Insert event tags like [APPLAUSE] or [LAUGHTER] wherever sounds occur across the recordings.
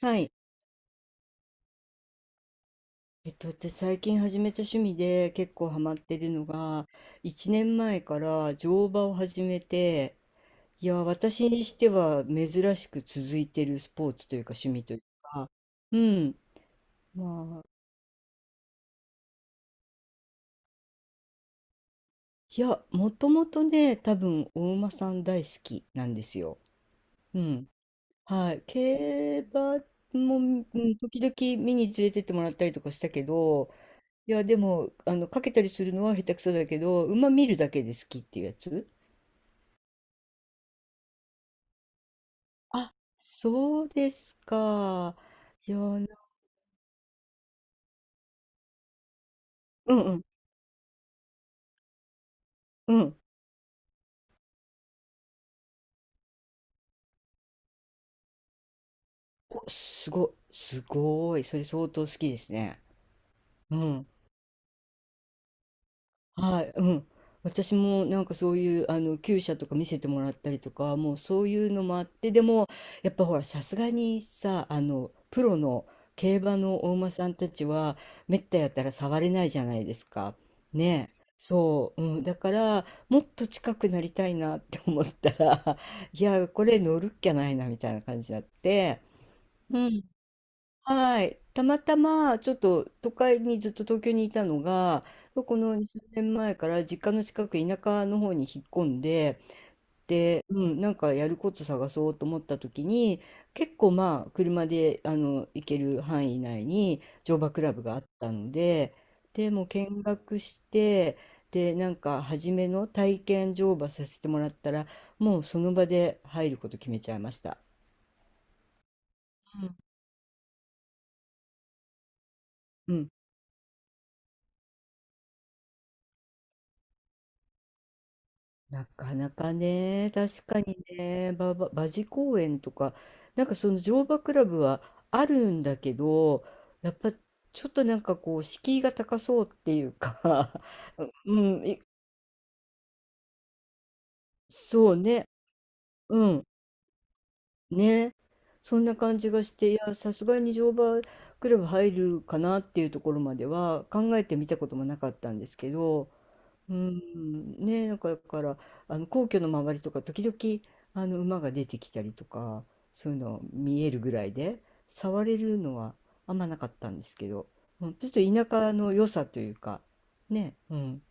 はい。私最近始めた趣味で結構ハマってるのが、1年前から乗馬を始めて、いや、私にしては珍しく続いてるスポーツというか趣味というか、うん、まあ、いや、もともとね、多分お馬さん大好きなんですよ。うん。はい。競馬も、うん、時々見に連れてってもらったりとかしたけど、いや、でも、かけたりするのは下手くそだけど、馬見るだけで好きっていうやつ。あ、そうですか。いや、うんうん、うん。お、すごい。それ相当好きですね。うん。はい、うん。私もなんかそういうあの厩舎とか見せてもらったりとか、もうそういうのもあって、でもやっぱほらさすがにさ、あのプロの競馬のお馬さんたちはめったやったら触れないじゃないですか。ねえ。そう、うん、だからもっと近くなりたいなって思ったら [LAUGHS] いやこれ乗るっきゃないなみたいな感じになって、はい。たまたまちょっと都会にずっと東京にいたのが、この2、3年前から実家の近く田舎の方に引っ込んで、うん、なんかやること探そうと思った時に、結構まあ車で行ける範囲内に乗馬クラブがあったので、でもう見学して、で、なんか初めの体験乗馬させてもらったら、もうその場で入ること決めちゃいました。うん。うんなかなかね、確かにね、馬事公園とか、なんかその乗馬クラブはあるんだけど、やっぱちょっとなんかこう、敷居が高そうっていうか [LAUGHS] うん、そうね、うん、ね、そんな感じがして、いや、さすがに乗馬クラブ入るかなっていうところまでは考えてみたこともなかったんですけど、うん、ね、なんかだから、あの皇居の周りとか時々あの馬が出てきたりとか、そういうの見えるぐらいで、触れるのはあんまなかったんですけど、うん、ちょっと田舎の良さというか、ね、うん、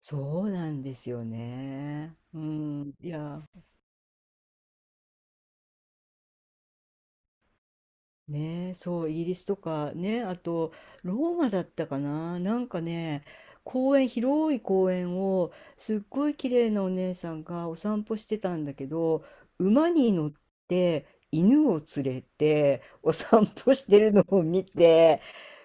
そうなんですよね。うん、いや。ねえ、そう、イギリスとかね、あとローマだったかな、なんかね、公園、広い公園をすっごい綺麗なお姉さんがお散歩してたんだけど、馬に乗って犬を連れてお散歩してるのを見て、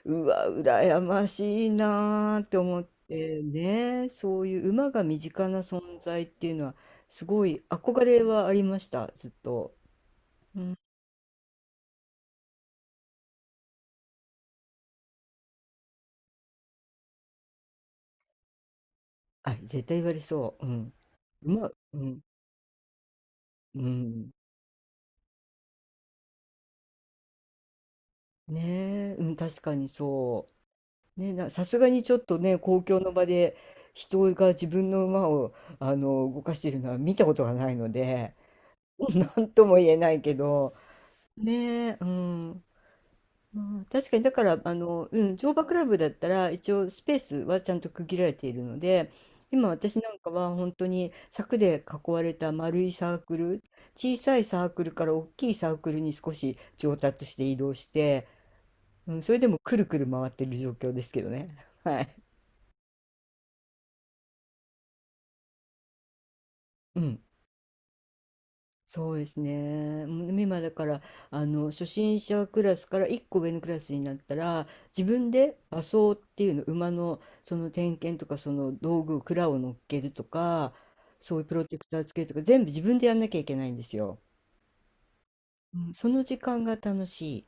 うわ、羨ましいなーって思ってね、そういう馬が身近な存在っていうのはすごい憧れはありました、ずっと。うんあ、絶対言われそう。うん。うん、うん。ねえ、うん、確かにそう。ね、さすがにちょっとね、公共の場で人が自分の馬を、動かしているのは見たことがないので、[LAUGHS] なんとも言えないけど、ねえ、うん。まあ、確かにだからうん、乗馬クラブだったら一応スペースはちゃんと区切られているので今私なんかは本当に柵で囲われた丸いサークル小さいサークルから大きいサークルに少し上達して移動して、うん、それでもくるくる回ってる状況ですけどね。[LAUGHS] はい、うんそうですね。もうでも今だから初心者クラスから1個上のクラスになったら自分で馬装っていうの馬のその点検とかその道具を鞍を乗っけるとかそういうプロテクターつけるとか全部自分でやんなきゃいけないんですよ。うん、その時間が楽しい。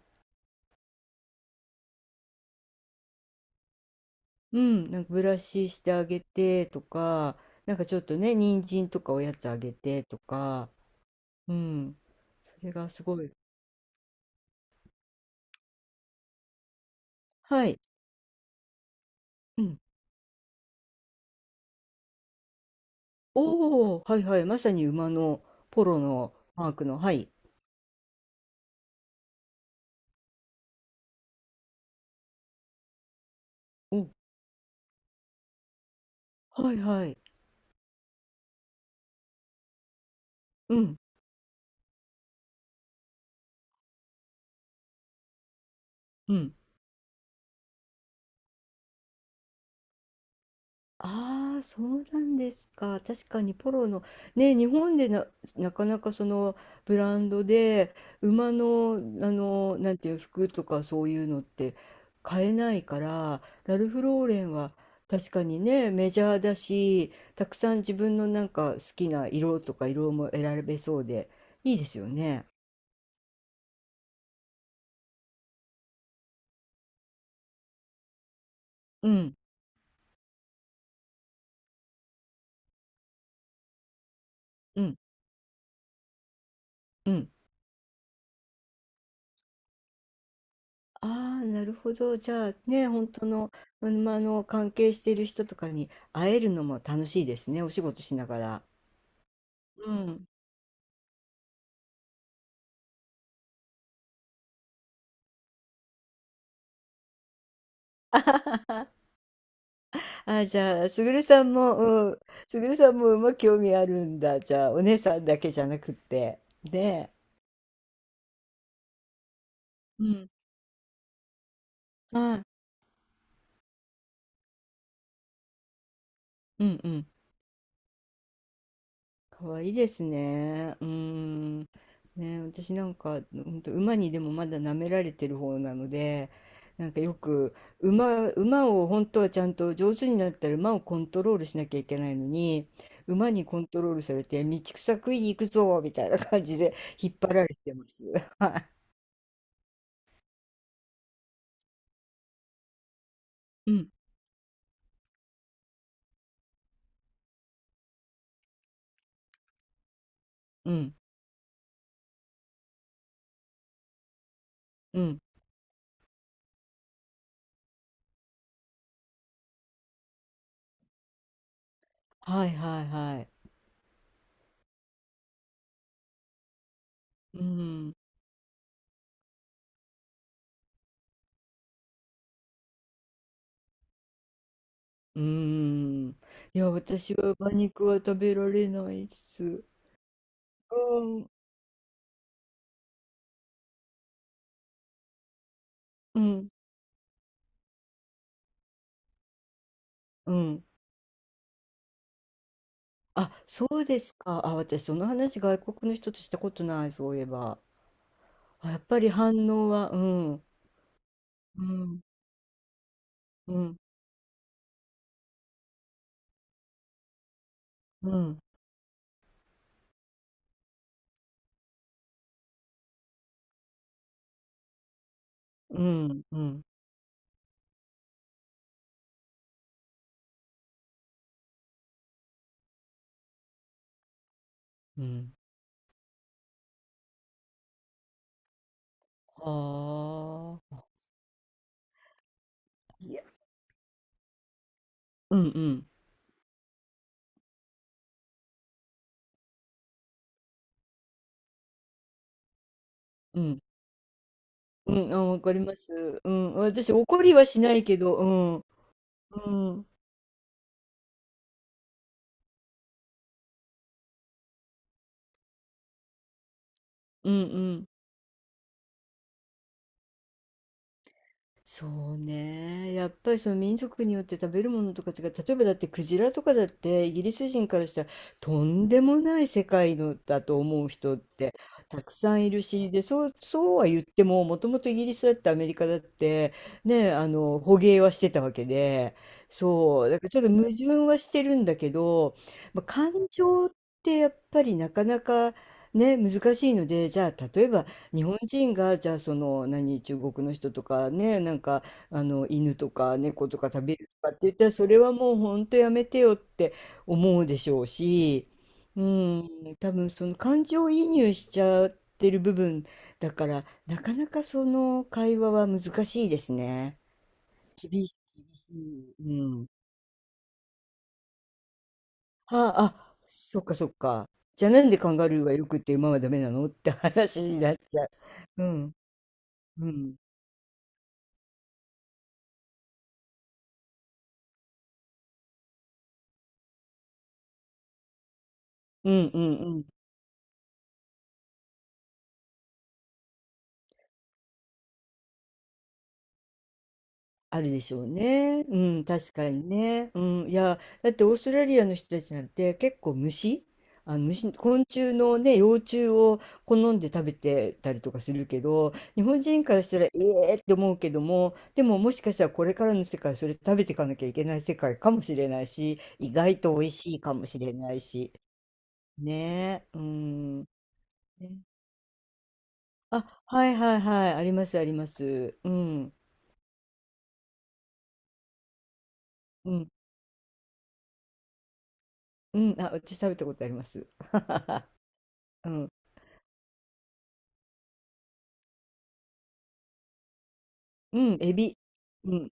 うん、なんかブラシしてあげてとかなんかちょっとね人参とかおやつあげてとか、うん、それがすごい。はい。うんおお、はいはい、まさに馬のポロのマークの、はい。お、はいはい。うん、うん。ああ、そうなんですか。確かにポロの、ね、日本でなかなかそのブランドで馬の、なんていう服とかそういうのって買えないから、ラルフローレンは確かにね、メジャーだし、たくさん自分のなんか好きな色とか色も選べそうで、いいですよね。うん、うん、うん。ああ、なるほど。じゃあね、本当の、うん、ま、関係している人とかに会えるのも楽しいですね、お仕事しながら。うん。[LAUGHS] あはははあ、じゃあ、すぐるさんも、うん、すぐるさんも馬興味あるんだ。じゃあ、お姉さんだけじゃなくって。ねえ。うん。はい。うんうん。可愛いですね。うーん。ね、私なんか、本当馬にでもまだ舐められてる方なので、なんかよく馬を本当はちゃんと上手になったら馬をコントロールしなきゃいけないのに、馬にコントロールされて、道草食いに行くぞみたいな感じで引っ張られてます。[LAUGHS] はい。うん、うん、うん。はいはいはい。うん、うーん。いや、私は馬肉は食べられないっす。うん、うん、うん。あ、そうですか。あ、私その話外国の人としたことない、そういえば。あ、やっぱり反応は、うん、うん、うん、うん、うん、うん、うん。はあ。いや、うん、うん、うん、うん、あ、わかります。うん、私怒りはしないけど、うん、うん、うん、うん。そうね。やっぱりその民族によって食べるものとか違う。例えばだってクジラとかだってイギリス人からしたらとんでもない世界のだと思う人ってたくさんいるし、で、そう、そうは言ってももともとイギリスだってアメリカだってね、あの捕鯨はしてたわけで、そう、だからちょっと矛盾はしてるんだけど、まあ、感情ってやっぱりなかなかね、難しいので、じゃあ例えば日本人がじゃあその何中国の人とかねなんかあの犬とか猫とか食べるとかって言ったらそれはもうほんとやめてよって思うでしょうし、うん、多分その感情移入しちゃってる部分だからなかなかその会話は難しいですね。厳しい、厳しい。うん。ああ、そっかそっか。じゃあなんでカンガルーはよくって馬はダメなのって話になっちゃう。うん、うん、うん、うん、うん。あるでしょうね。うん、確かにね。うん、いや、だってオーストラリアの人たちなんて結構虫、あの虫、昆虫のね、幼虫を好んで食べてたりとかするけど、日本人からしたら、ええって思うけども、でももしかしたらこれからの世界、それ食べていかなきゃいけない世界かもしれないし、意外と美味しいかもしれないし。ねえ、うん。ねあ、はいはいはい、ありますあります。うん、うん、うん、あ、私食べたことあります。うん。うん、エビ。うん、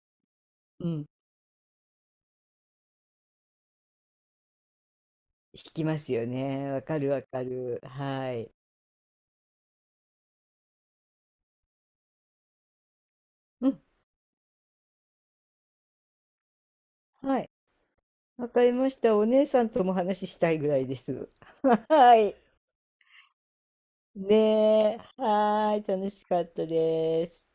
うん。引きますよね。わかるわかる。はい。うん、はい。わかりました。お姉さんとも話したいぐらいです。[LAUGHS] はい。ねえ。はーい。楽しかったです。